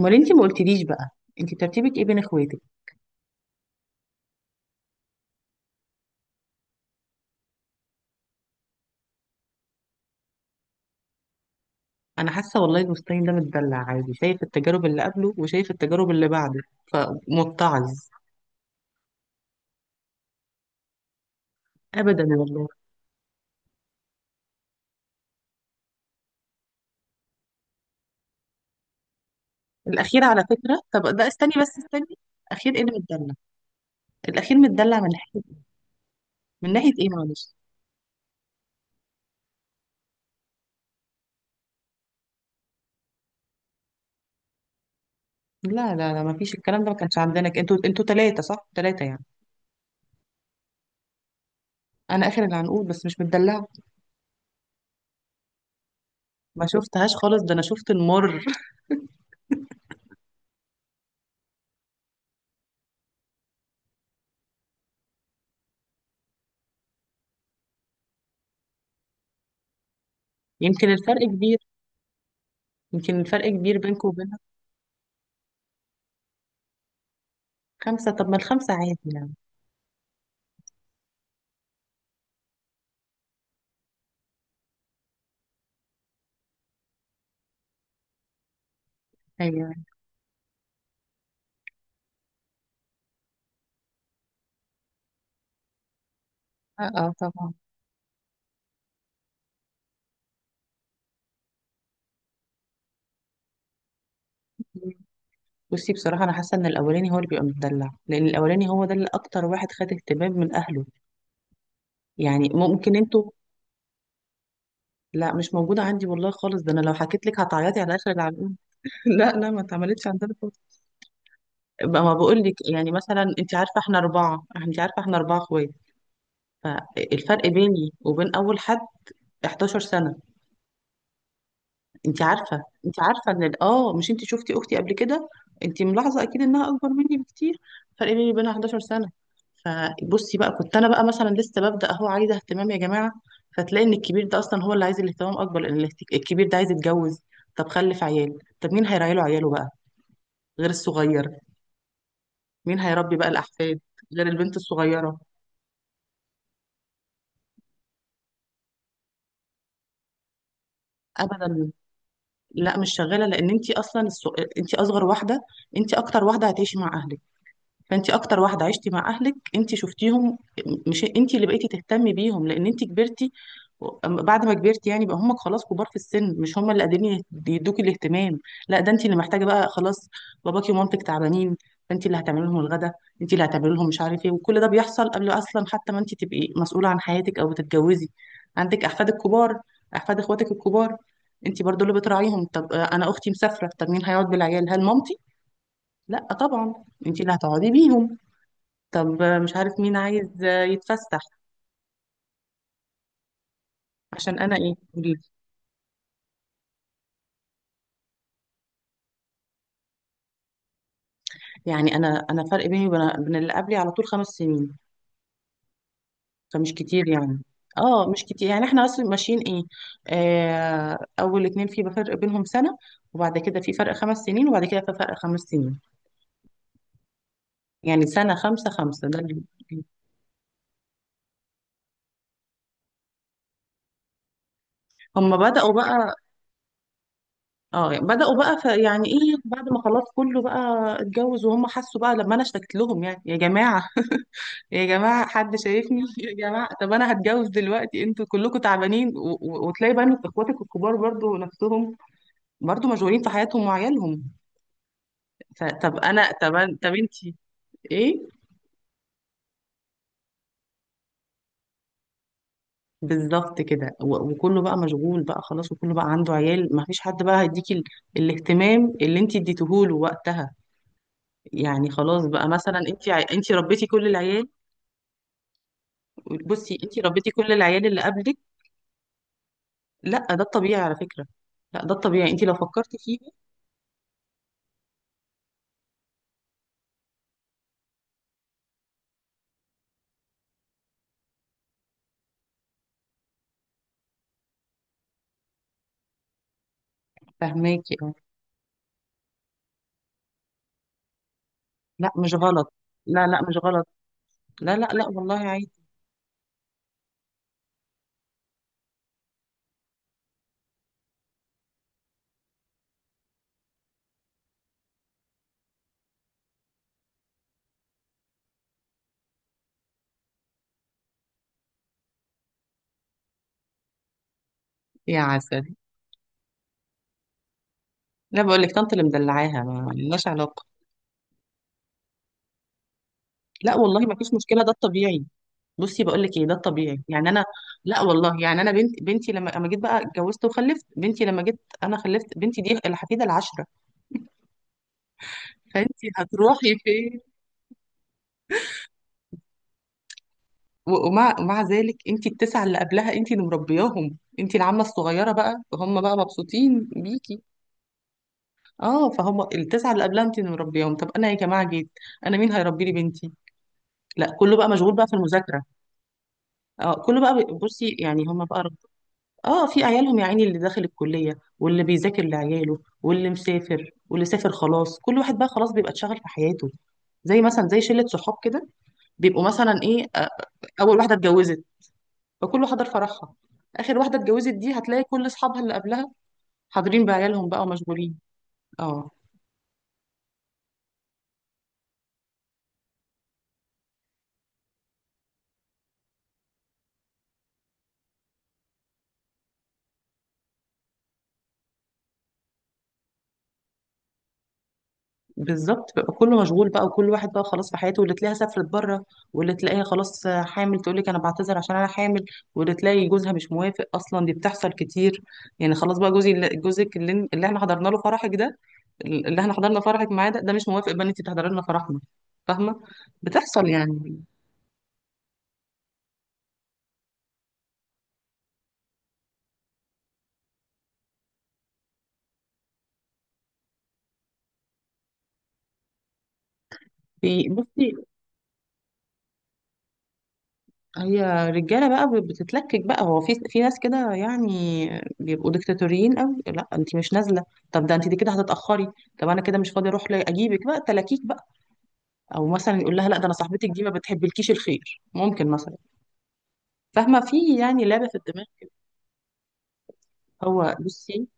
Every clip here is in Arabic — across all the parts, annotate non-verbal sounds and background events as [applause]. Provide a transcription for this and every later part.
امال انتي ما قلتليش بقى. انتي ترتيبك ايه بين اخواتك؟ انا حاسه والله المستني ده متدلع عادي، شايف التجارب اللي قبله وشايف التجارب اللي بعده فمتعظ. ابدا والله. الاخير على فكره، طب ده استني بس استني. الاخير ايه اللي متدلع؟ الاخير متدلع من ناحيه ايه معلش؟ لا لا لا، ما فيش الكلام ده، ما كانش عندنا انتوا ثلاثه، صح ثلاثه يعني. انا اخر العنقود بس مش متدلعه. ما شفتهاش خالص، ده انا شفت المر [laughs] يمكن الفرق كبير، يمكن الفرق كبير بينكم وبينها. خمسه؟ طب ما الخمسه عادي يعني. ايوه. اه، آه، طبعا. مم. بصي بصراحة أنا حاسة إن الأولاني هو اللي بيبقى متدلع، لأن الأولاني هو ده اللي أكتر واحد خد اهتمام من أهله. يعني ممكن أنتوا. لا مش موجودة عندي والله خالص، ده أنا لو حكيت لك هتعيطي على آخر العنقود. [laughs] لا لا، ما اتعملتش عندنا خالص. بقى ما بقول لك، يعني مثلا أنت عارفة إحنا أربعة، أنت عارفة إحنا 4 إخوات. فالفرق بيني وبين أول حد 11 سنة. انت عارفه، انت عارفه ان مش انت شفتي اختي قبل كده؟ انت ملاحظه اكيد انها اكبر مني بكتير. فرق بيني وبينها 11 سنه. فبصي بقى، كنت انا بقى مثلا لسه ببدا اهو، عايزه اهتمام يا جماعه. فتلاقي ان الكبير ده اصلا هو اللي عايز الاهتمام اكبر، لان الكبير ده عايز يتجوز. طب خلف عيال، طب مين هيراعي له عياله بقى غير الصغير؟ مين هيربي بقى الاحفاد غير البنت الصغيره؟ ابدا. لا مش شغاله، لان انت اصلا انت اصغر واحده، انت اكتر واحده هتعيشي مع اهلك. فانت اكتر واحده عشتي مع اهلك، انت شفتيهم. مش انت اللي بقيتي تهتمي بيهم لان انت كبرتي؟ أما بعد ما كبرتي يعني، بقى هم خلاص كبار في السن، مش هم اللي قادرين يدوكي الاهتمام، لا ده انت اللي محتاجه بقى خلاص. باباكي ومامتك تعبانين، فانت اللي هتعملي لهم الغدا، انت اللي هتعملي لهم مش عارف ايه. وكل ده بيحصل قبل اصلا حتى ما انت تبقي مسؤوله عن حياتك او بتتجوزي. عندك احفادك كبار، احفاد اخواتك الكبار، انت برضو اللي بتراعيهم. طب آه، انا اختي مسافره، طب مين هيقعد بالعيال؟ هل مامتي؟ لا طبعا، انت اللي هتقعدي بيهم. طب مش عارف مين عايز يتفسح. عشان انا ايه قولي لي. يعني انا فرق بيني وبين اللي قبلي على طول 5 سنين، فمش كتير يعني. اه مش كتير يعني، احنا اصلا ماشيين ايه، آه، اول اتنين في فرق بينهم سنة، وبعد كده في فرق 5 سنين، وبعد كده في فرق خمس سنين. يعني سنة، خمسة خمسة، ده هم بدأوا بقى. اه بدأوا بقى، ف يعني ايه بعد ما خلاص كله بقى اتجوز، وهم حسوا بقى لما انا اشتكت لهم يعني يا جماعة، يا جماعة حد شايفني [laughs] يا جماعة طب أنا هتجوز دلوقتي، أنتوا كلكم تعبانين وتلاقي بقى إن إخواتك الكبار برضو نفسهم، برضو مشغولين في حياتهم وعيالهم. طب أنا طب أنتي إيه. بالظبط كده. وكله بقى مشغول بقى خلاص، وكله بقى عنده عيال، ما فيش حد بقى هيديكي الاهتمام اللي أنتي اديتهوله وقتها. يعني خلاص بقى مثلا أنتي أنتي ربيتي كل العيال. بصي أنتي ربيتي كل العيال اللي قبلك. لا ده الطبيعي على فكرة. لا ده الطبيعي أنتي لو فكرتي فيه. فهماكي. لا مش غلط، لا لا مش غلط. لا لا لا والله عادي. يا عسل. لا بقول لك طنط اللي مدلعاها، ما لناش علاقه. لا والله ما فيش مشكله، ده الطبيعي. بصي بقول لك ايه، ده الطبيعي يعني انا. لا والله يعني انا، بنت بنتي لما اما جيت بقى اتجوزت وخلفت بنتي، لما جيت انا خلفت بنتي، دي الحفيده العاشره. فانت هتروحي فين؟ ومع ذلك انت التسعه اللي قبلها انت اللي مربياهم، انت العمه الصغيره بقى، هم بقى مبسوطين بيكي. اه فهم التسعه اللي قبلها انت اللي مربياهم. طب انا يا جماعه جيت، انا مين هيربي لي بنتي؟ لا كله بقى مشغول بقى في المذاكرة. اه كله بقى بصي يعني هم بقى اه في عيالهم يا عيني، اللي داخل الكلية، واللي بيذاكر لعياله، واللي مسافر، واللي سافر خلاص، كل واحد بقى خلاص بيبقى اتشغل في حياته. زي مثلا زي شلة صحاب كده، بيبقوا مثلا ايه آه، اول واحدة اتجوزت فكله حضر فرحها، اخر واحدة اتجوزت دي هتلاقي كل اصحابها اللي قبلها حاضرين بعيالهم بقى، ومشغولين. اه بالظبط بقى كله مشغول بقى، وكل واحد بقى خلاص في حياته، واللي تلاقيها سافرت بره، واللي تلاقيها خلاص حامل تقول لك انا بعتذر عشان انا حامل، واللي تلاقي جوزها مش موافق اصلا، دي بتحصل كتير. يعني خلاص بقى جوزك اللي احنا حضرنا له فرحك ده، اللي احنا حضرنا فرحك معاه ده، ده مش موافق بقى ان انت تحضري لنا فرحنا، فاهمه؟ بتحصل يعني. بصي، هي رجاله بقى بتتلكك بقى، هو في في ناس كده يعني بيبقوا ديكتاتوريين قوي، لا انت مش نازله، طب ده انت دي كده هتتاخري، طب انا كده مش فاضيه اروح اجيبك بقى تلاكيك بقى، او مثلا يقول لها لا ده انا صاحبتك دي ما بتحبلكيش الخير، ممكن مثلا. فاهمه؟ في يعني لعبه في الدماغ. هو بصي،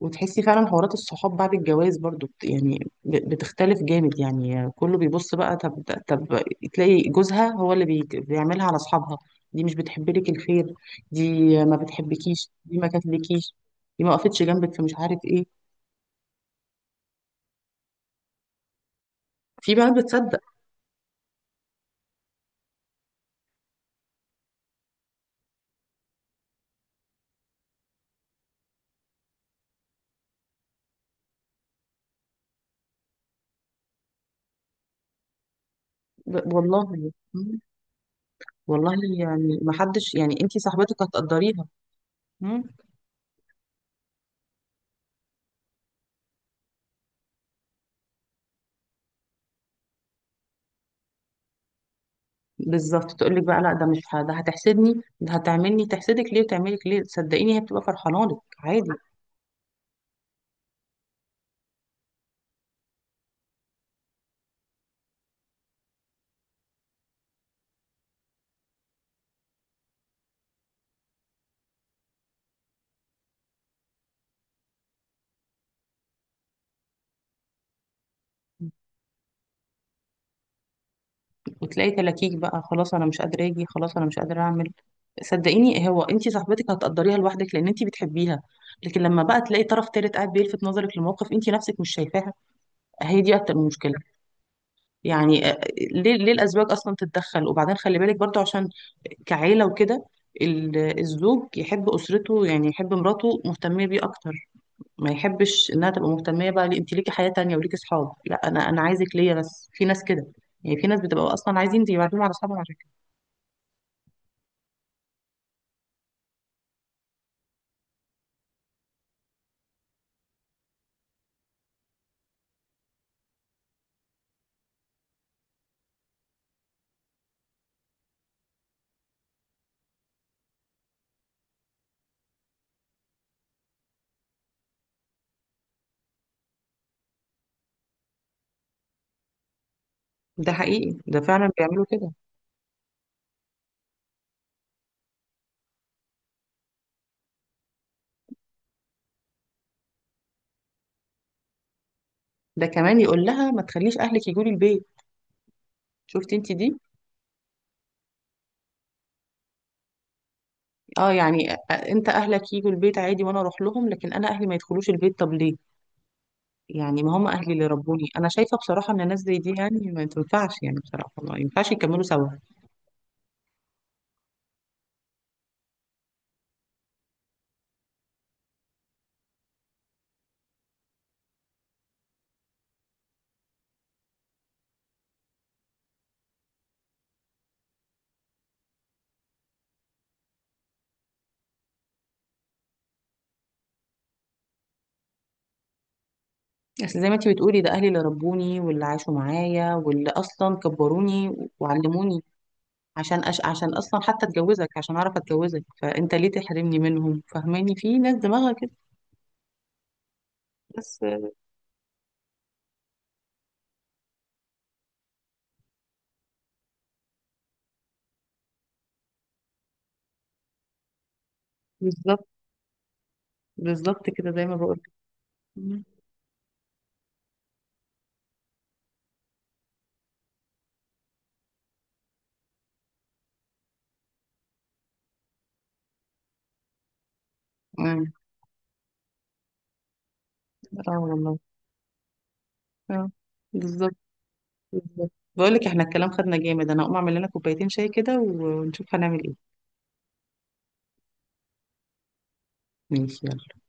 وتحسي فعلا حوارات الصحاب بعد الجواز برضو يعني بتختلف جامد يعني، كله بيبص بقى، طب طب تلاقي جوزها هو اللي بيعملها على اصحابها، دي مش بتحب لك الخير، دي ما بتحبكيش، دي ما كاتلكيش، دي ما وقفتش جنبك في مش عارف ايه. في بنات بتصدق. والله. مم. والله يعني ما حدش يعني، انتي صاحبتك هتقدريها. مم. بالظبط تقول لك بقى لا ده مش ده هتحسدني، ده هتعملني. تحسدك ليه وتعملك ليه؟ صدقيني هي بتبقى فرحانه لك عادي. وتلاقي تلاكيك بقى خلاص انا مش قادره اجي، خلاص انا مش قادره اعمل. صدقيني هو انت صاحبتك هتقدريها لوحدك لان انت بتحبيها، لكن لما بقى تلاقي طرف تالت قاعد بيلفت نظرك لموقف انت نفسك مش شايفاها، هي دي اكتر مشكله. يعني آه، ليه ليه الازواج اصلا تتدخل؟ وبعدين خلي بالك برضو عشان كعيله وكده، الزوج يحب اسرته يعني، يحب مراته مهتميه بيه اكتر، ما يحبش انها تبقى مهتميه بقى، ليه انت ليكي حياه تانية وليكي صحاب، لا انا عايزك ليا بس. في ناس كده، يعني في ناس بتبقى اصلا عايزين يبعدوهم على اصحابهم. ده حقيقي، ده فعلا بيعملوا كده. ده كمان يقول لها ما تخليش اهلك يجوا لي البيت. شفتي انت دي؟ اه يعني انت اهلك يجوا البيت عادي وانا اروح لهم، لكن انا اهلي ما يدخلوش البيت، طب ليه؟ يعني ما هم اهلي اللي ربوني. انا شايفه بصراحه ان ناس زي دي يعني ما تنفعش، يعني بصراحه ما ينفعش يكملوا سوا. اصل زي ما انت بتقولي، ده اهلي اللي ربوني واللي عاشوا معايا واللي اصلا كبروني وعلموني، عشان عشان اصلا حتى اتجوزك، عشان اعرف اتجوزك، فانت ليه تحرمني منهم؟ فاهماني؟ في ناس دماغها كده بس. بالظبط. بالظبط كده زي ما بقول. امم. اه. والله. اه. بالظبط. بالظبط بقول لك احنا الكلام خدنا جامد، انا هقوم اعمل لنا كوبايتين شاي كده ونشوف هنعمل ايه. ماشي يلا.